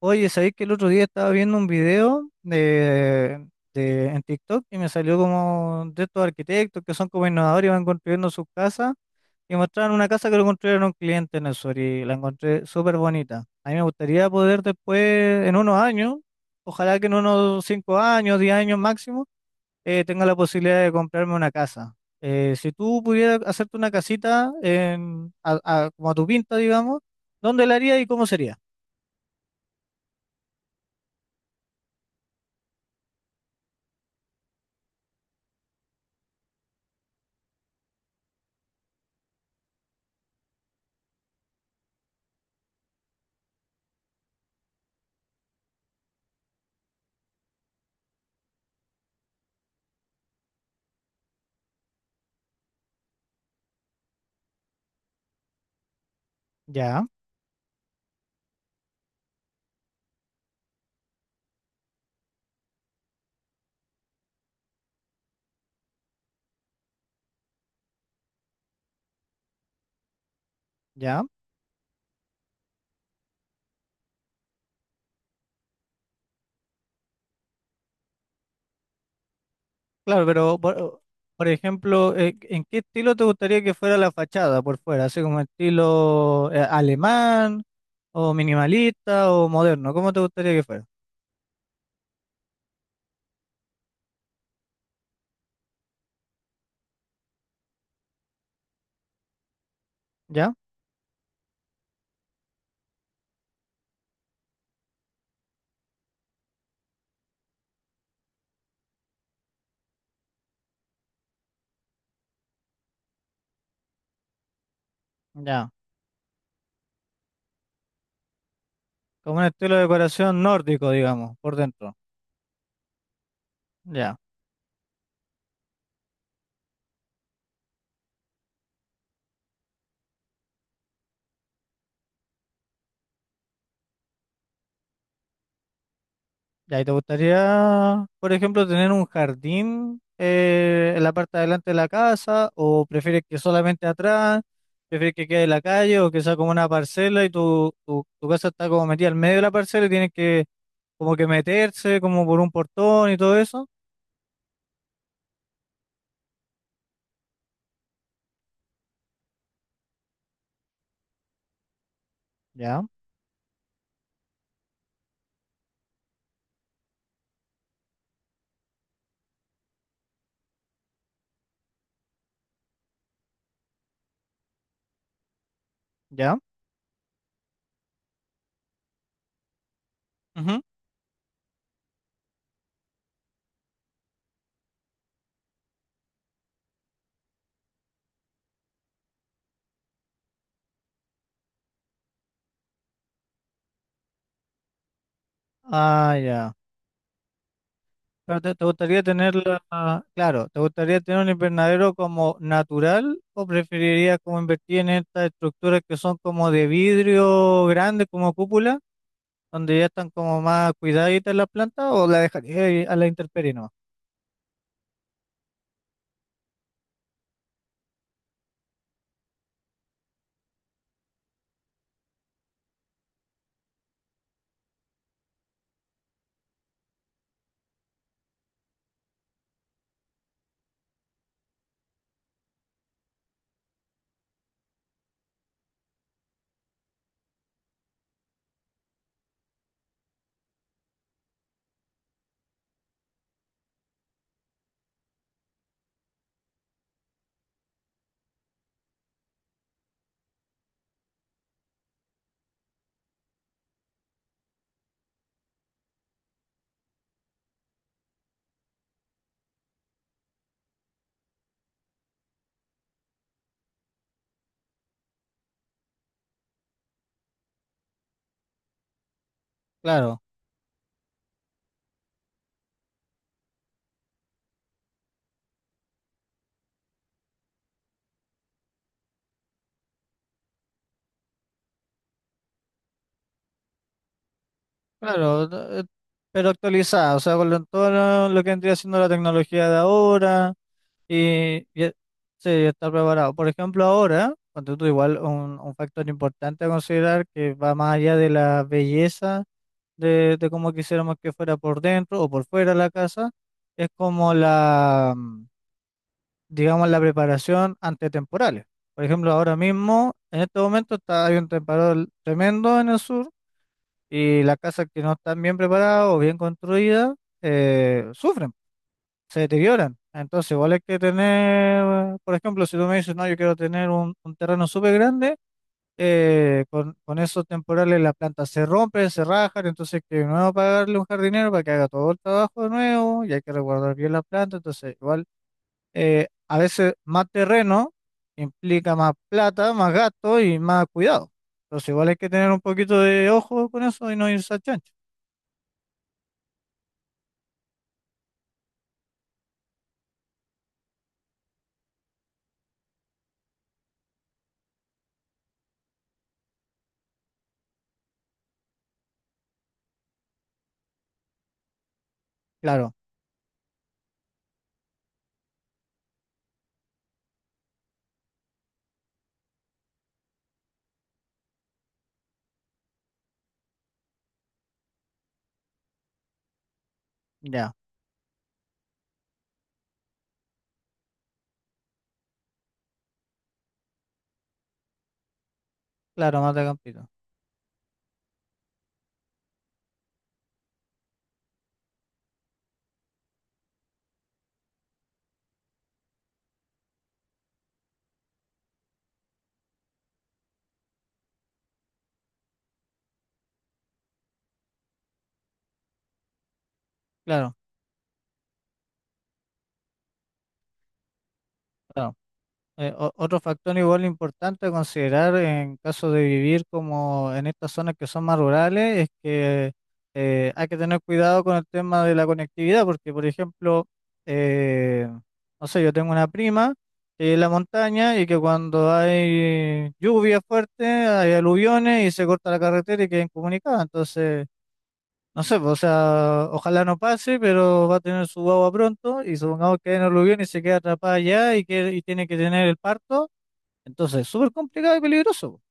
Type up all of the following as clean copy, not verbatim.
Oye, ¿sabéis que el otro día estaba viendo un video en TikTok y me salió como de estos arquitectos que son como innovadores y van construyendo sus casas y mostraron una casa que lo construyeron un cliente en el sur y la encontré súper bonita? A mí me gustaría poder después, en unos años, ojalá que en unos 5 años, 10 años máximo, tenga la posibilidad de comprarme una casa. Si tú pudieras hacerte una casita en, como a tu pinta, digamos, ¿dónde la harías y cómo sería? Ya, ya. Claro, pero por ejemplo, ¿en qué estilo te gustaría que fuera la fachada por fuera? ¿Así como estilo alemán o minimalista o moderno? ¿Cómo te gustaría que fuera? ¿Ya? Ya. Como un estilo de decoración nórdico, digamos, por dentro. Ya. Ya, ¿y te gustaría, por ejemplo, tener un jardín en la parte de adelante de la casa o prefieres que solamente atrás? ¿Prefieres que quede en la calle o que sea como una parcela y tu casa está como metida al medio de la parcela y tienes que como que meterse como por un portón y todo eso? Ya, ya. Ujú. Ah, ya. Pero te gustaría tener claro, ¿te gustaría tener un invernadero como natural o preferirías como invertir en estas estructuras que son como de vidrio grande, como cúpula, donde ya están como más cuidaditas las plantas o la dejarías ahí a la intemperie nomás? Claro, claro, eh, pero actualizada, o sea, con todo lo que vendría siendo la tecnología de ahora. Y, y- e, sí, ya está preparado. Por ejemplo, ahora, cuando tú igual un, factor importante a considerar que va más allá de la belleza de cómo quisiéramos que fuera por dentro o por fuera la casa, es como digamos, la preparación ante temporales. Por ejemplo, ahora mismo, en este momento hay un temporal tremendo en el sur y las casas que no están bien preparadas o bien construidas sufren, se deterioran. Entonces, igual hay que tener, por ejemplo, si tú me dices, no, yo quiero tener un, terreno súper grande, con esos temporales la planta se rompe, se rajan, entonces hay que de nuevo pagarle un jardinero para que haga todo el trabajo de nuevo y hay que resguardar bien la planta. Entonces, igual, a veces más terreno implica más plata, más gasto y más cuidado. Entonces, igual hay que tener un poquito de ojo con eso y no irse a chancho. Claro, ya, claro, más mata campito. Claro. Claro. Otro factor igual importante a considerar en caso de vivir como en estas zonas que son más rurales es que hay que tener cuidado con el tema de la conectividad, porque por ejemplo, eh, no sé, yo tengo una prima que es en la montaña y que cuando hay lluvia fuerte, hay aluviones y se corta la carretera y queda incomunicada. Entonces, no sé, pues, o sea, ojalá no pase, pero va a tener su guagua pronto y supongamos que hay un aluvión y se queda atrapada allá y, que, y tiene que tener el parto. Entonces, es súper complicado y peligroso,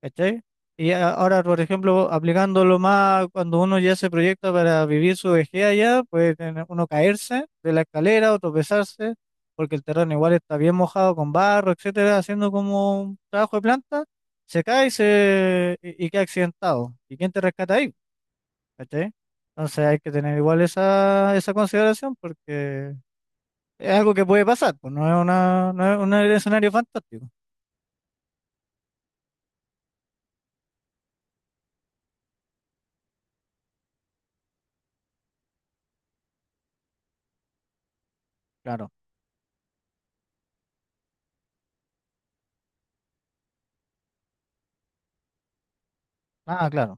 ¿cachai? Y ahora, por ejemplo, aplicándolo más cuando uno ya se proyecta para vivir su vejez allá, puede uno caerse de la escalera o tropezarse, porque el terreno igual está bien mojado con barro, etcétera, haciendo como un trabajo de planta, se cae y queda accidentado. ¿Y quién te rescata ahí? ¿Cachai? Entonces hay que tener igual esa, esa consideración porque es algo que puede pasar, pues no es una, no es un escenario fantástico. Claro, ah, claro.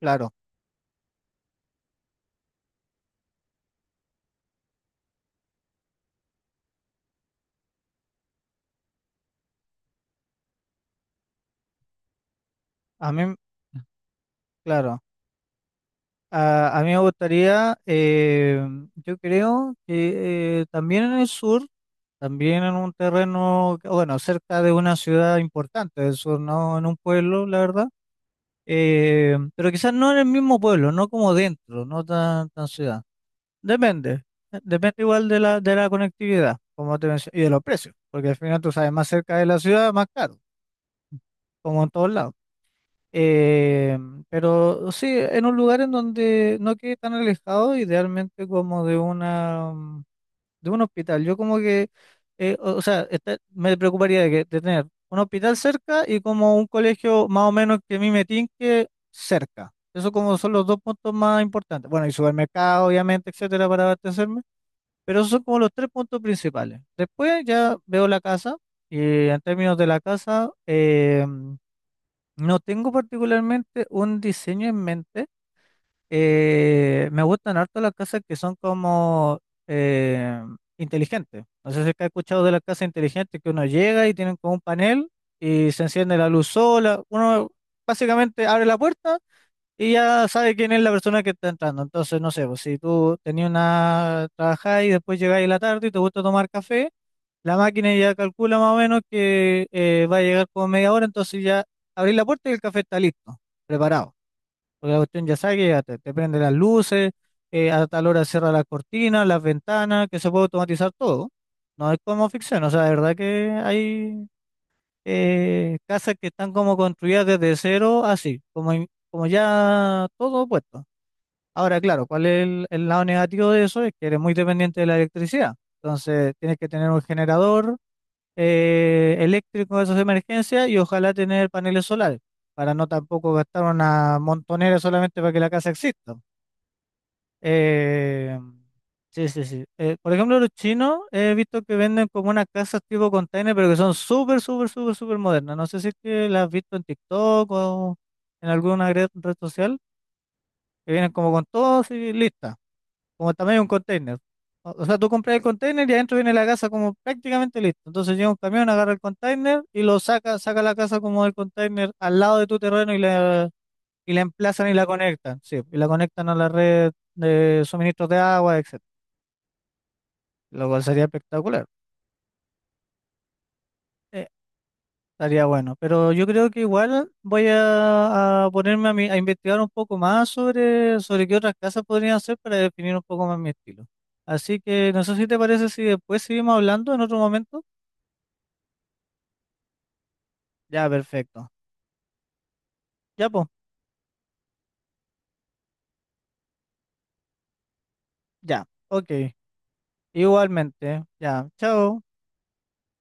Claro. A mí, claro, a mí me gustaría, yo creo que también en el sur, también en un terreno, que- bueno, cerca de una ciudad importante del sur, no en un pueblo, la verdad, pero quizás no en el mismo pueblo, no como dentro, no tan, tan ciudad. Depende, depende igual de la conectividad, como te mencioné, y de los precios, porque al final tú sabes, más cerca de la ciudad, más caro, como en todos lados. Eh, pero sí, en un lugar en donde no quede tan alejado, idealmente como de de un hospital. Yo como que, o sea, me preocuparía de tener un hospital cerca y como un colegio más o menos que a mí me tinque cerca. Eso como son los dos puntos más importantes. Bueno, y supermercado, obviamente, etcétera, para abastecerme. Pero esos son como los tres puntos principales. Después ya veo la casa y en términos de la casa, no tengo particularmente un diseño en mente. Me gustan harto las casas que son como eh, inteligentes. No sé si es que has escuchado de las casas inteligentes que uno llega y tienen como un panel y se enciende la luz sola. Uno básicamente abre la puerta y ya sabe quién es la persona que está entrando. Entonces, no sé, pues, si tú tenías una trabajada y después llegáis a la tarde y te gusta tomar café. La máquina ya calcula más o menos que va a llegar como media hora, entonces ya abrís la puerta y el café está listo, preparado. Porque la cuestión ya sabe que ya te prende las luces, a tal hora cierra las cortinas, las ventanas, que se puede automatizar todo. No es como ficción, o sea, de verdad que hay casas que están como construidas desde cero, así, como, como ya todo puesto. Ahora, claro, ¿cuál es el lado negativo de eso? Es que eres muy dependiente de la electricidad. Entonces, tienes que tener un generador eléctricos de esas emergencias y ojalá tener paneles solares para no tampoco gastar una montonera solamente para que la casa exista. Eh, sí, sí, sí. Por ejemplo, los chinos he visto que venden como unas casas tipo container, pero que son súper, súper, súper, súper modernas. No sé si es que las has visto en TikTok o en alguna red social, que vienen como con todo así listas como tamaño de un container. O sea, tú compras el container y adentro viene la casa como prácticamente listo. Entonces llega un camión, agarra el container y lo saca, saca la casa como del container al lado de tu terreno y y la emplazan y la conectan. Sí, y la conectan a la red de suministros de agua, etcétera. Lo cual sería espectacular. Eh, Estaría bueno. Pero yo creo que igual voy a ponerme a, a investigar un poco más sobre, sobre qué otras casas podrían hacer para definir un poco más mi estilo. Así que no sé si te parece si después seguimos hablando en otro momento. Ya, perfecto. Ya, pues, ya. Ok. Igualmente. Ya. Chao.